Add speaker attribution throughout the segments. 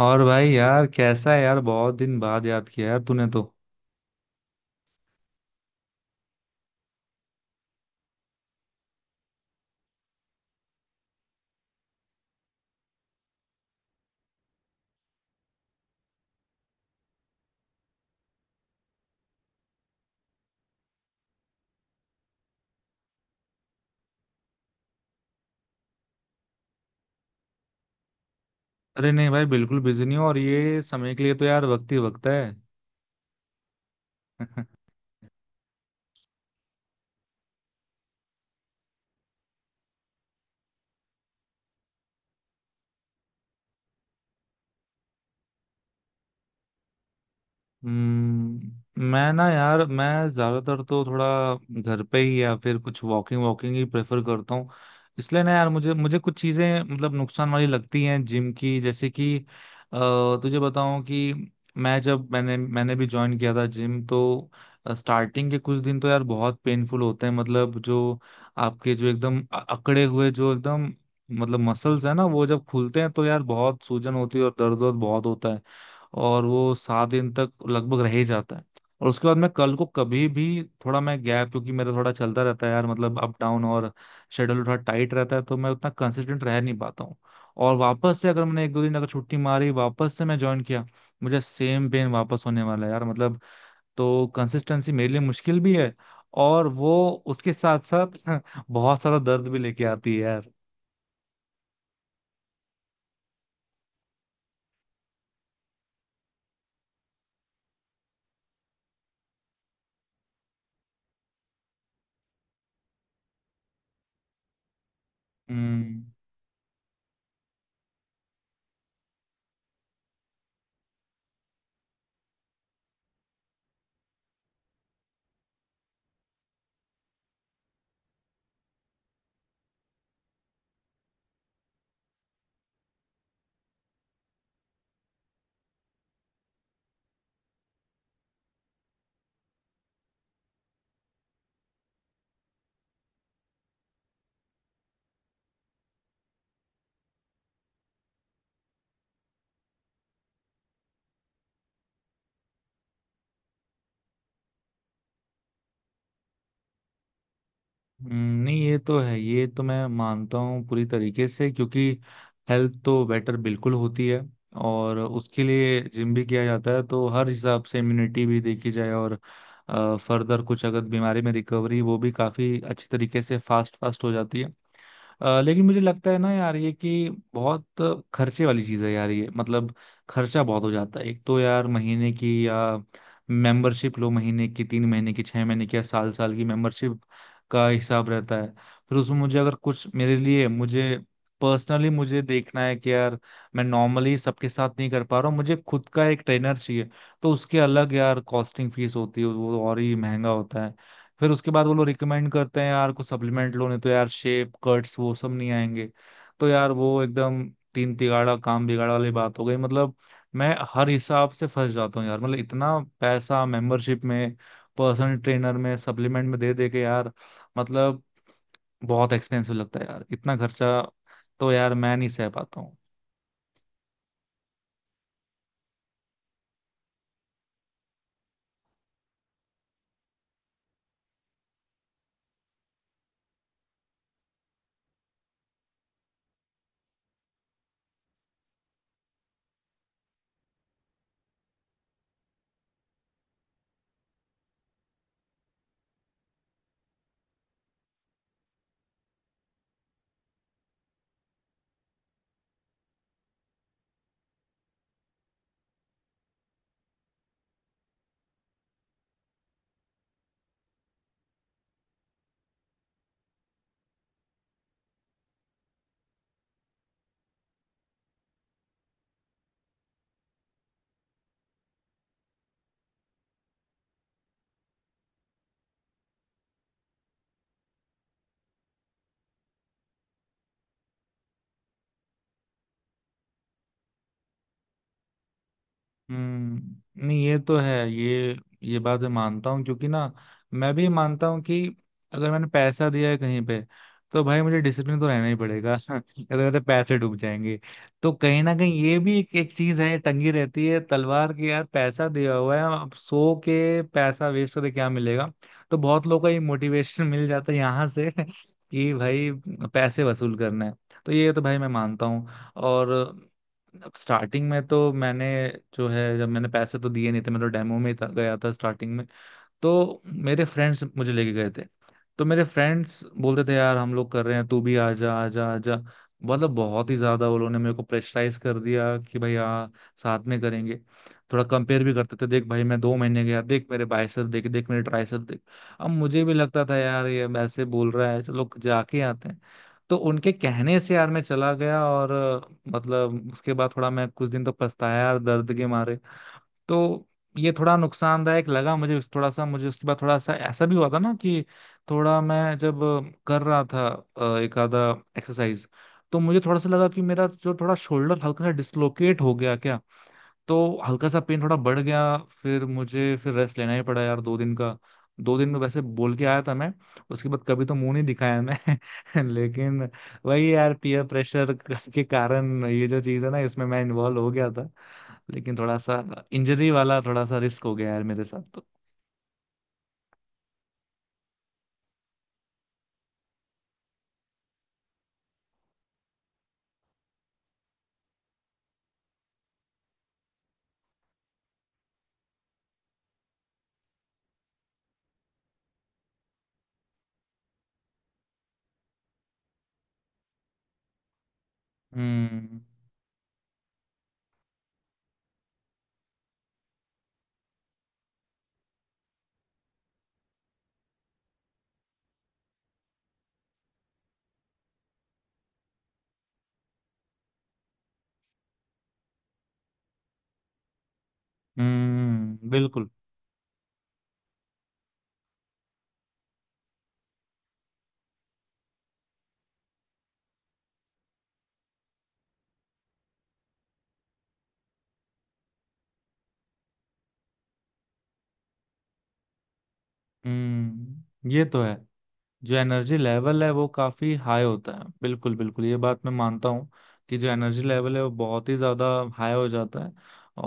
Speaker 1: और भाई यार कैसा है यार। बहुत दिन बाद याद किया यार तूने तो। अरे नहीं भाई बिल्कुल बिजी नहीं हो। और ये समय के लिए तो यार वक्त ही वक्त है। हम्म। मैं ना यार मैं ज्यादातर तो थोड़ा घर पे ही या फिर कुछ वॉकिंग वॉकिंग ही प्रेफर करता हूँ। इसलिए ना यार मुझे मुझे कुछ चीजें मतलब नुकसान वाली लगती हैं जिम की, जैसे कि अ, तुझे बताऊं कि मैं जब मैंने मैंने भी ज्वाइन किया था जिम, तो स्टार्टिंग के कुछ दिन तो यार बहुत पेनफुल होते हैं। मतलब जो आपके जो एकदम अकड़े हुए जो एकदम मतलब मसल्स है ना, वो जब खुलते हैं तो यार बहुत सूजन होती है और दर्द वर्द बहुत होता है। और वो 7 दिन तक लगभग रह ही जाता है। और उसके बाद मैं कल को कभी भी थोड़ा मैं गैप, क्योंकि मेरा थोड़ा चलता रहता है यार, मतलब अप डाउन। और शेड्यूल थोड़ा टाइट रहता है तो मैं उतना कंसिस्टेंट रह नहीं पाता हूँ। और वापस से अगर मैंने एक दो दिन अगर छुट्टी मारी, वापस से मैं ज्वाइन किया, मुझे सेम पेन वापस होने वाला है यार मतलब। तो कंसिस्टेंसी मेरे लिए मुश्किल भी है। और वो उसके साथ साथ बहुत सारा दर्द भी लेके आती है यार। हम्म। नहीं ये तो है। ये तो मैं मानता हूँ पूरी तरीके से, क्योंकि हेल्थ तो बेटर बिल्कुल होती है। और उसके लिए जिम भी किया जाता है, तो हर हिसाब से इम्यूनिटी भी देखी जाए, और फर्दर कुछ अगर बीमारी में रिकवरी, वो भी काफी अच्छी तरीके से फास्ट फास्ट हो जाती है। लेकिन मुझे लगता है ना यार ये कि बहुत खर्चे वाली चीज है यार ये, मतलब खर्चा बहुत हो जाता है। एक तो यार महीने की, या मेंबरशिप लो महीने की, 3 महीने की, 6 महीने की, या साल साल की मेंबरशिप का हिसाब रहता है। फिर उसमें मुझे अगर कुछ, मेरे लिए मुझे पर्सनली मुझे देखना है कि यार मैं नॉर्मली सबके साथ नहीं कर पा रहा हूँ, मुझे खुद का एक ट्रेनर चाहिए, तो उसके अलग यार कॉस्टिंग फीस होती है, वो और ही महंगा होता है। फिर उसके बाद वो लोग रिकमेंड करते हैं यार, कुछ सप्लीमेंट लो नहीं तो यार शेप कट्स वो सब नहीं आएंगे। तो यार वो एकदम तीन तिगाड़ा काम बिगाड़ा वाली बात हो गई मतलब। मैं हर हिसाब से फंस जाता हूँ यार, मतलब इतना पैसा मेंबरशिप में, पर्सनल ट्रेनर में, सप्लीमेंट में दे दे के यार, मतलब बहुत एक्सपेंसिव लगता है यार इतना खर्चा। तो यार मैं नहीं सह पाता। हम्म, नहीं ये तो है। ये बात मैं मानता हूँ, क्योंकि ना मैं भी मानता हूँ कि अगर मैंने पैसा दिया है कहीं पे, तो भाई मुझे डिसिप्लिन तो रहना ही पड़ेगा अगर तो पैसे डूब जाएंगे। तो कहीं ना कहीं ये भी एक चीज है, टंगी रहती है तलवार की यार, पैसा दिया हुआ है, अब सो के पैसा वेस्ट करके क्या मिलेगा। तो बहुत लोगों को ये मोटिवेशन मिल जाता है यहाँ से कि भाई पैसे वसूल करना है। तो ये तो भाई मैं मानता हूँ। और अब स्टार्टिंग में तो मैंने, जो है जब मैंने पैसे तो दिए नहीं थे, मैं तो डेमो में ही था, गया था स्टार्टिंग में। तो मेरे फ्रेंड्स मुझे लेके गए थे। तो मेरे फ्रेंड्स बोलते थे यार हम लोग कर रहे हैं तू भी आ जा आ जा आ जा। मतलब बहुत ही ज्यादा वो लोगों ने मेरे को प्रेशराइज कर दिया कि भाई हाँ साथ में करेंगे। थोड़ा कंपेयर भी करते थे, देख भाई मैं 2 महीने गया, देख मेरे बाइसेप देख, देख मेरे ट्राइसेप देख। अब मुझे भी लगता था यार ये ऐसे बोल रहा है, चलो जाके आते हैं। तो उनके कहने से यार मैं चला गया, और मतलब उसके बाद थोड़ा मैं कुछ दिन तो पछताया यार दर्द के मारे। तो ये थोड़ा नुकसानदायक लगा मुझे। थोड़ा सा मुझे उसके बाद थोड़ा सा ऐसा भी हुआ था ना कि, थोड़ा मैं जब कर रहा था एक आधा एक्सरसाइज, तो मुझे थोड़ा सा लगा कि मेरा जो थोड़ा शोल्डर हल्का सा डिसलोकेट हो गया क्या। तो हल्का सा पेन थोड़ा बढ़ गया, फिर मुझे फिर रेस्ट लेना ही पड़ा यार 2 दिन का। 2 दिन में वैसे बोल के आया था मैं, उसके बाद कभी तो मुंह नहीं दिखाया मैं लेकिन वही यार पीयर प्रेशर के कारण ये जो चीज है ना, इसमें मैं इन्वॉल्व हो गया, लेकिन थोड़ा सा इंजरी वाला थोड़ा सा रिस्क हो गया यार मेरे साथ तो। हम्म। हम्म, बिल्कुल। हम्म, ये तो है। जो एनर्जी लेवल है वो काफी हाई होता है, बिल्कुल बिल्कुल ये बात मैं मानता हूँ कि जो एनर्जी लेवल है वो बहुत ही ज्यादा हाई हो जाता है।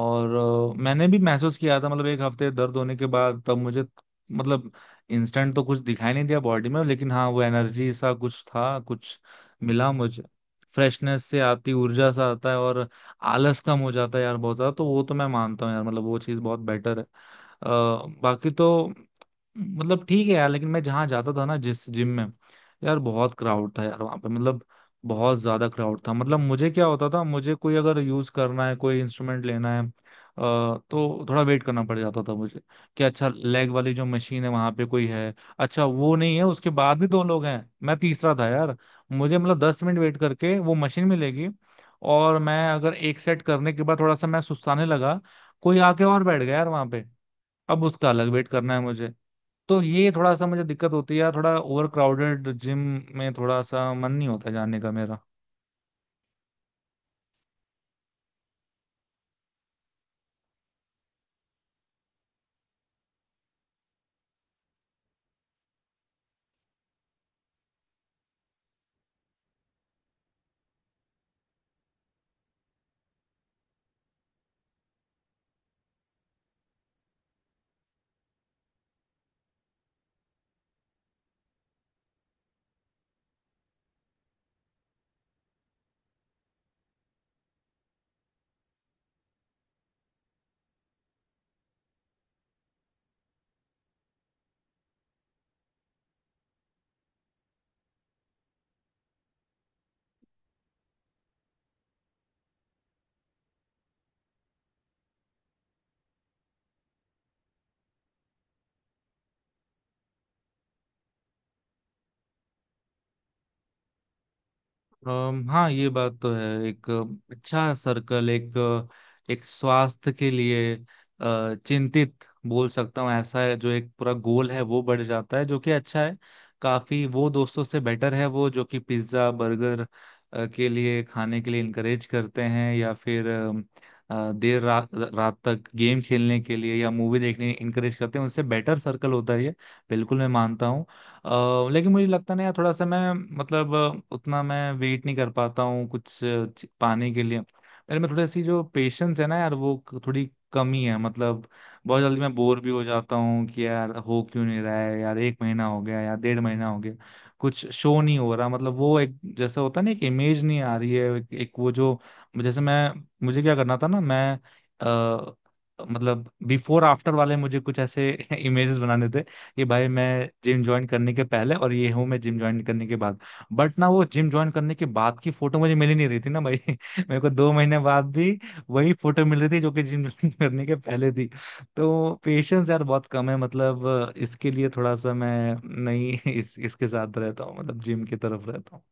Speaker 1: और मैंने भी महसूस किया था, मतलब एक हफ्ते दर्द होने के बाद तब मुझे मतलब इंस्टेंट तो कुछ दिखाई नहीं दिया बॉडी में, लेकिन हाँ वो एनर्जी सा कुछ था, कुछ मिला मुझे, फ्रेशनेस से आती ऊर्जा सा आता है। और आलस कम हो जाता है यार बहुत ज्यादा, तो वो तो मैं मानता हूँ यार, मतलब वो चीज़ बहुत बेटर है। बाकी तो मतलब ठीक है यार, लेकिन मैं जहाँ जाता था ना, जिस जिम में, यार बहुत क्राउड था यार वहाँ पे, मतलब बहुत ज्यादा क्राउड था। मतलब मुझे क्या होता था, मुझे कोई अगर यूज करना है, कोई इंस्ट्रूमेंट लेना है, तो थोड़ा वेट करना पड़ जाता था मुझे, कि अच्छा लेग वाली जो मशीन है वहाँ पे कोई है, अच्छा वो नहीं है, उसके बाद भी दो लोग हैं, मैं तीसरा था यार। मुझे मतलब 10 मिनट वेट करके वो मशीन मिलेगी, और मैं अगर एक सेट करने के बाद थोड़ा सा मैं सुस्ताने लगा, कोई आके और बैठ गया यार वहाँ पे, अब उसका अलग वेट करना है मुझे। तो ये थोड़ा सा मुझे दिक्कत होती है यार, थोड़ा ओवर क्राउडेड जिम में थोड़ा सा मन नहीं होता जाने का मेरा। हाँ ये बात तो है, एक अच्छा सर्कल, एक एक स्वास्थ्य के लिए चिंतित बोल सकता हूँ ऐसा है, जो एक पूरा गोल है वो बढ़ जाता है, जो कि अच्छा है। काफी वो दोस्तों से बेटर है वो जो कि पिज्जा बर्गर के लिए, खाने के लिए इनकरेज करते हैं, या फिर देर रात रात तक गेम खेलने के लिए या मूवी देखने इनकरेज करते हैं, उनसे बेटर सर्कल होता है ये, बिल्कुल मैं मानता हूँ। लेकिन मुझे लगता नहीं है, थोड़ा सा मैं मतलब उतना मैं वेट नहीं कर पाता हूँ कुछ पाने के लिए, मेरे में थोड़ी सी जो पेशेंस है ना यार वो थोड़ी कमी है मतलब। बहुत जल्दी मैं बोर भी हो जाता हूँ कि यार हो क्यों नहीं रहा है यार, एक महीना हो गया यार, 1.5 महीना हो गया, कुछ शो नहीं हो रहा, मतलब वो एक जैसा होता है ना, एक इमेज नहीं आ रही है, एक वो जो, जैसे मैं, मुझे क्या करना था ना, मैं अ, मतलब बिफोर आफ्टर वाले मुझे कुछ ऐसे इमेजेस बनाने थे कि भाई मैं जिम ज्वाइन करने के पहले, और ये हूँ मैं जिम ज्वाइन करने के बाद। बट ना वो जिम ज्वाइन करने के बाद की फोटो मुझे मिल ही नहीं रही थी ना भाई मेरे को 2 महीने बाद भी वही फोटो मिल रही थी जो कि जिम ज्वाइन करने के पहले थी। तो पेशेंस यार बहुत कम है, मतलब इसके लिए थोड़ा सा मैं नहीं इस इसके साथ रहता हूँ, मतलब जिम की तरफ रहता हूँ।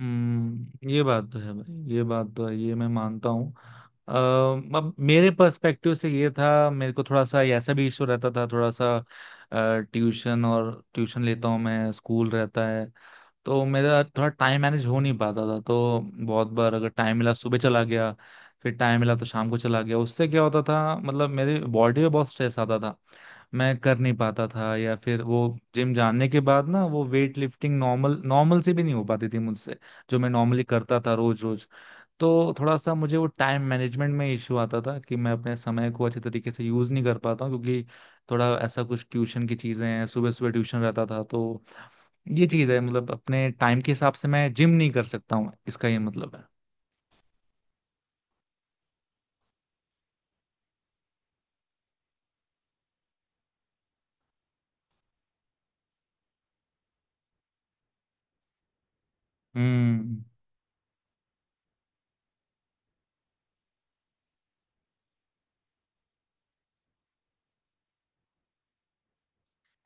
Speaker 1: हम्म, ये बात तो है भाई, ये बात तो है, ये मैं मानता हूँ। अ, अब मेरे पर्सपेक्टिव से ये था, मेरे को थोड़ा सा ऐसा भी इशू रहता था, थोड़ा सा ट्यूशन और ट्यूशन लेता हूँ मैं, स्कूल रहता है, तो मेरा थोड़ा टाइम मैनेज हो नहीं पाता था। तो बहुत बार अगर टाइम मिला सुबह चला गया, फिर टाइम मिला तो शाम को चला गया। उससे क्या होता था मतलब मेरे बॉडी पे बहुत स्ट्रेस आता था, मैं कर नहीं पाता था, या फिर वो जिम जानने के बाद ना वो वेट लिफ्टिंग नॉर्मल नॉर्मल से भी नहीं हो पाती थी मुझसे, जो मैं नॉर्मली करता था रोज रोज। तो थोड़ा सा मुझे वो टाइम मैनेजमेंट में इश्यू आता था, कि मैं अपने समय को अच्छे तरीके से यूज नहीं कर पाता हूँ, क्योंकि थोड़ा ऐसा कुछ ट्यूशन की चीजें हैं, सुबह सुबह ट्यूशन रहता था, तो ये चीज है, मतलब अपने टाइम के हिसाब से मैं जिम नहीं कर सकता हूँ, इसका ये मतलब है। हम्म।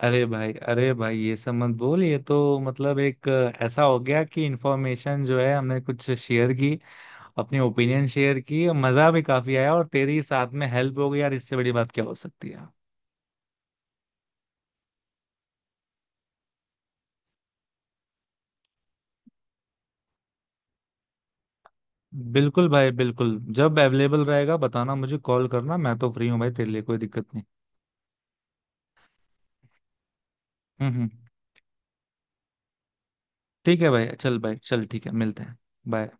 Speaker 1: अरे भाई ये सब मत बोल, ये तो मतलब एक ऐसा हो गया कि इन्फॉर्मेशन जो है हमने कुछ शेयर की, अपनी ओपिनियन शेयर की, मजा भी काफी आया, और तेरी साथ में हेल्प हो गई यार, इससे बड़ी बात क्या हो सकती है। बिल्कुल भाई बिल्कुल, जब अवेलेबल रहेगा बताना, मुझे कॉल करना, मैं तो फ्री हूँ भाई तेरे लिए, कोई दिक्कत नहीं। हम्म। हम्म। ठीक है भाई, चल भाई चल, ठीक है, मिलते हैं। बाय।